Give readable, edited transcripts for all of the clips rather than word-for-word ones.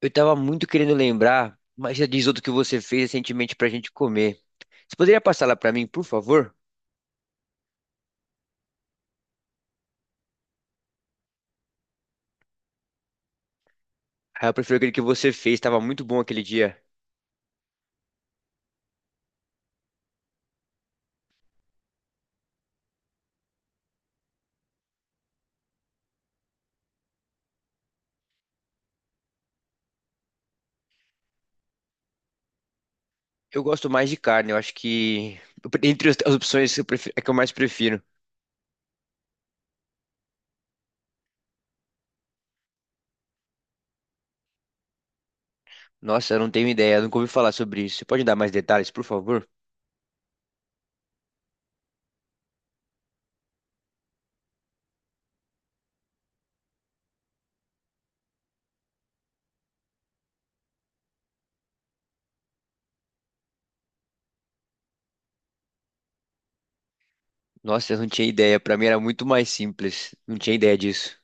Eu tava muito querendo lembrar, mas já diz outro que você fez recentemente pra gente comer. Você poderia passar lá pra mim, por favor? Ah, eu prefiro aquele que você fez, tava muito bom aquele dia. Eu gosto mais de carne, eu acho que eu entre as opções eu prefiro, é que eu mais prefiro. Nossa, eu não tenho ideia, eu nunca ouvi falar sobre isso. Você pode dar mais detalhes, por favor? Nossa, eu não tinha ideia, pra mim era muito mais simples. Não tinha ideia disso.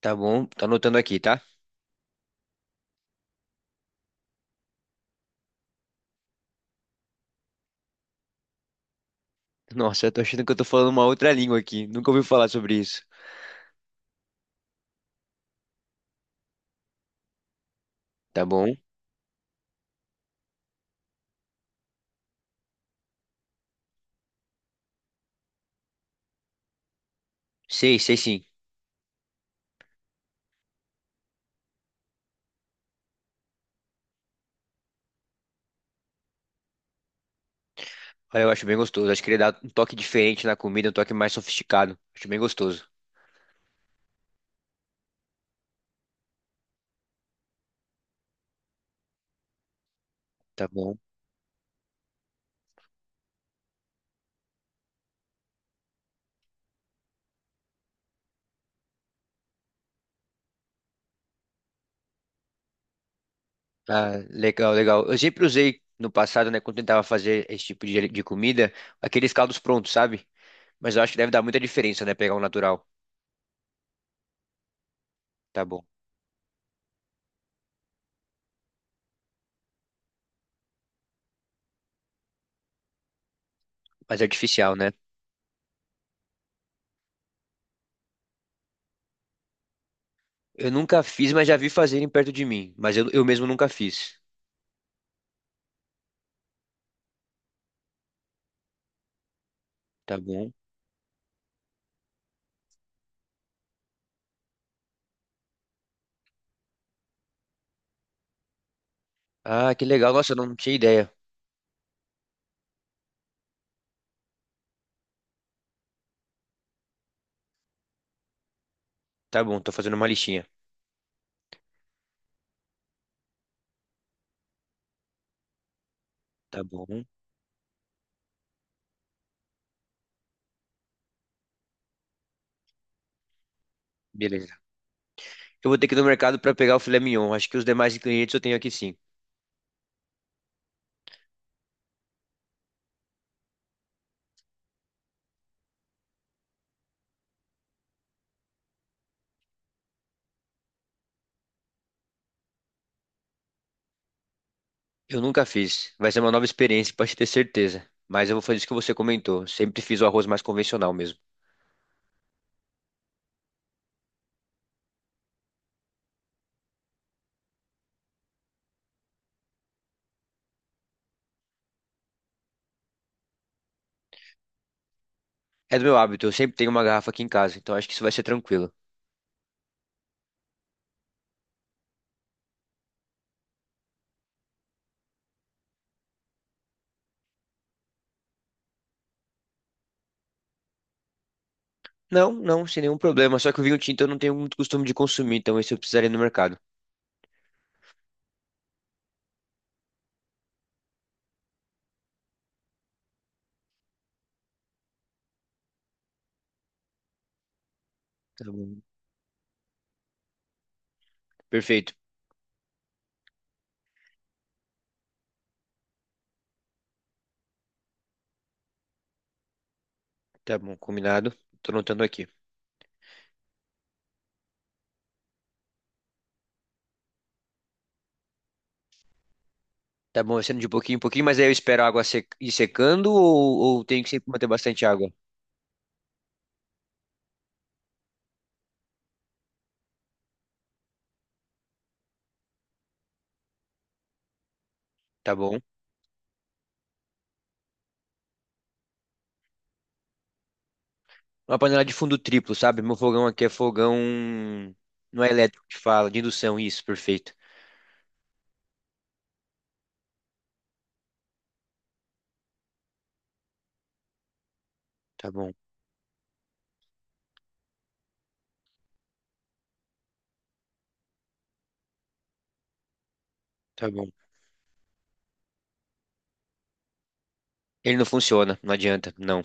Tá bom, tá anotando aqui, tá? Nossa, eu tô achando que eu tô falando uma outra língua aqui. Nunca ouvi falar sobre isso. Tá bom? Sei, sei sim. Olha, eu acho bem gostoso. Acho que ele dá um toque diferente na comida, um toque mais sofisticado. Acho bem gostoso. Tá bom. Ah, legal, legal. Eu sempre usei no passado, né, quando tentava fazer esse tipo de comida, aqueles caldos prontos, sabe? Mas eu acho que deve dar muita diferença, né, pegar um natural. Tá bom. Mas é artificial, né? Eu nunca fiz, mas já vi fazerem perto de mim. Mas eu mesmo nunca fiz. Tá bom. Ah, que legal. Nossa, eu não tinha ideia. Tá bom, tô fazendo uma listinha. Tá bom. Beleza. Eu vou ter que ir no mercado pra pegar o filé mignon. Acho que os demais ingredientes eu tenho aqui sim. Eu nunca fiz. Vai ser uma nova experiência, pode ter certeza. Mas eu vou fazer isso que você comentou. Sempre fiz o arroz mais convencional mesmo. É do meu hábito, eu sempre tenho uma garrafa aqui em casa, então acho que isso vai ser tranquilo. Não, não, sem nenhum problema. Só que o vinho tinto eu não tenho muito costume de consumir, então esse eu precisaria ir no mercado. Tá bom. Perfeito. Tá bom, combinado. Tô anotando aqui. Tá bom, vai sendo de pouquinho em pouquinho, mas aí eu espero a água ir secando ou tenho que sempre manter bastante água? Tá bom. Uma panela de fundo triplo, sabe? Meu fogão aqui é fogão. Não é elétrico que fala, de indução, isso, perfeito. Tá bom, tá bom. Ele não funciona, não adianta, não.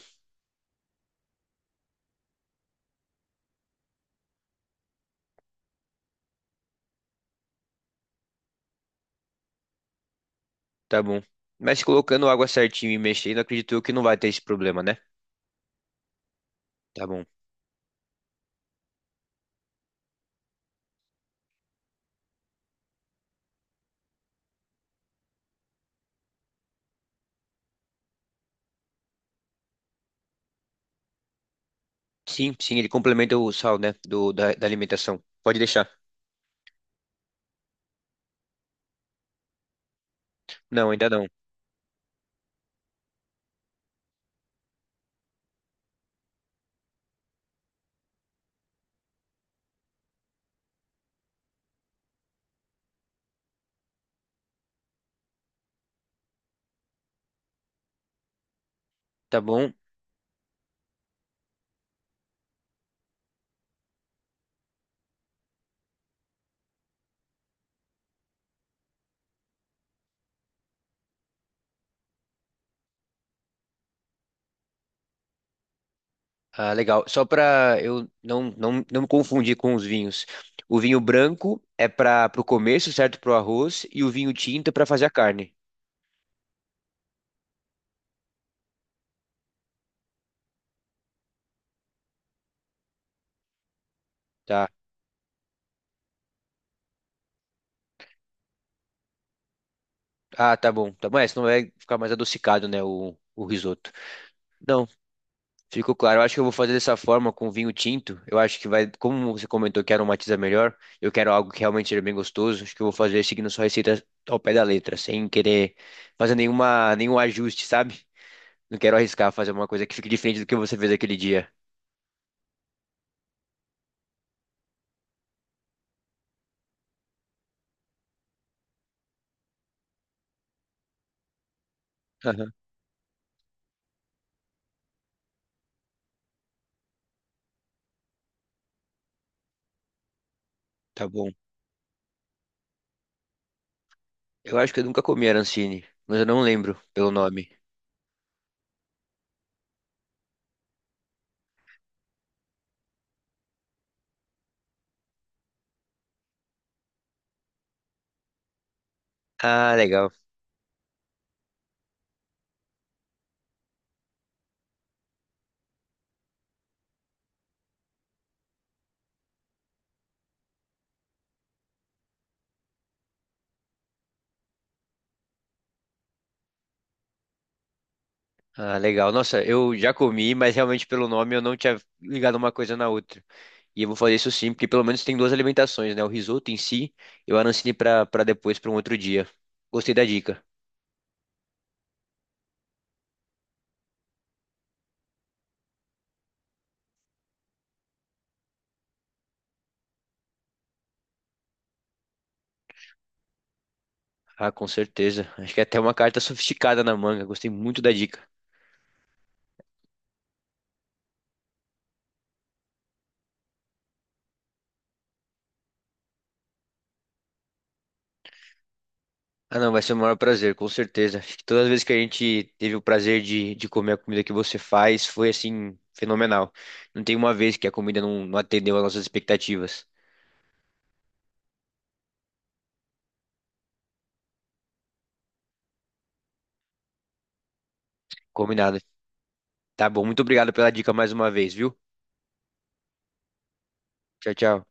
Tá bom. Mas colocando água certinho e mexendo, acredito eu que não vai ter esse problema, né? Tá bom. Sim, sim, ele complementa o sal, né? Da alimentação. Pode deixar. Não, ainda não. Tá bom. Ah, legal. Só pra eu não me confundir com os vinhos. O vinho branco é para o começo, certo? Pro arroz. E o vinho tinto é pra fazer a carne. Tá. Ah, tá bom. Tá bom. É, senão vai ficar mais adocicado, né? O risoto. Não. Ficou claro. Eu acho que eu vou fazer dessa forma com vinho tinto. Eu acho que vai, como você comentou que aromatiza melhor, eu quero algo que realmente seja bem gostoso. Acho que eu vou fazer seguindo sua receita ao pé da letra, sem querer fazer nenhum ajuste, sabe? Não quero arriscar fazer uma coisa que fique diferente do que você fez aquele dia. Aham, tá bom. Eu acho que eu nunca comi arancine, mas eu não lembro pelo nome. Ah, legal. Ah, legal. Nossa, eu já comi, mas realmente pelo nome eu não tinha ligado uma coisa na outra. E eu vou fazer isso sim, porque pelo menos tem duas alimentações, né? O risoto em si e o arancine para depois, para um outro dia. Gostei da dica. Ah, com certeza. Acho que é até uma carta sofisticada na manga. Gostei muito da dica. Ah, não, vai ser o maior prazer, com certeza. Acho que todas as vezes que a gente teve o prazer de comer a comida que você faz, foi assim, fenomenal. Não tem uma vez que a comida não atendeu às nossas expectativas. Combinado. Tá bom, muito obrigado pela dica mais uma vez, viu? Tchau, tchau.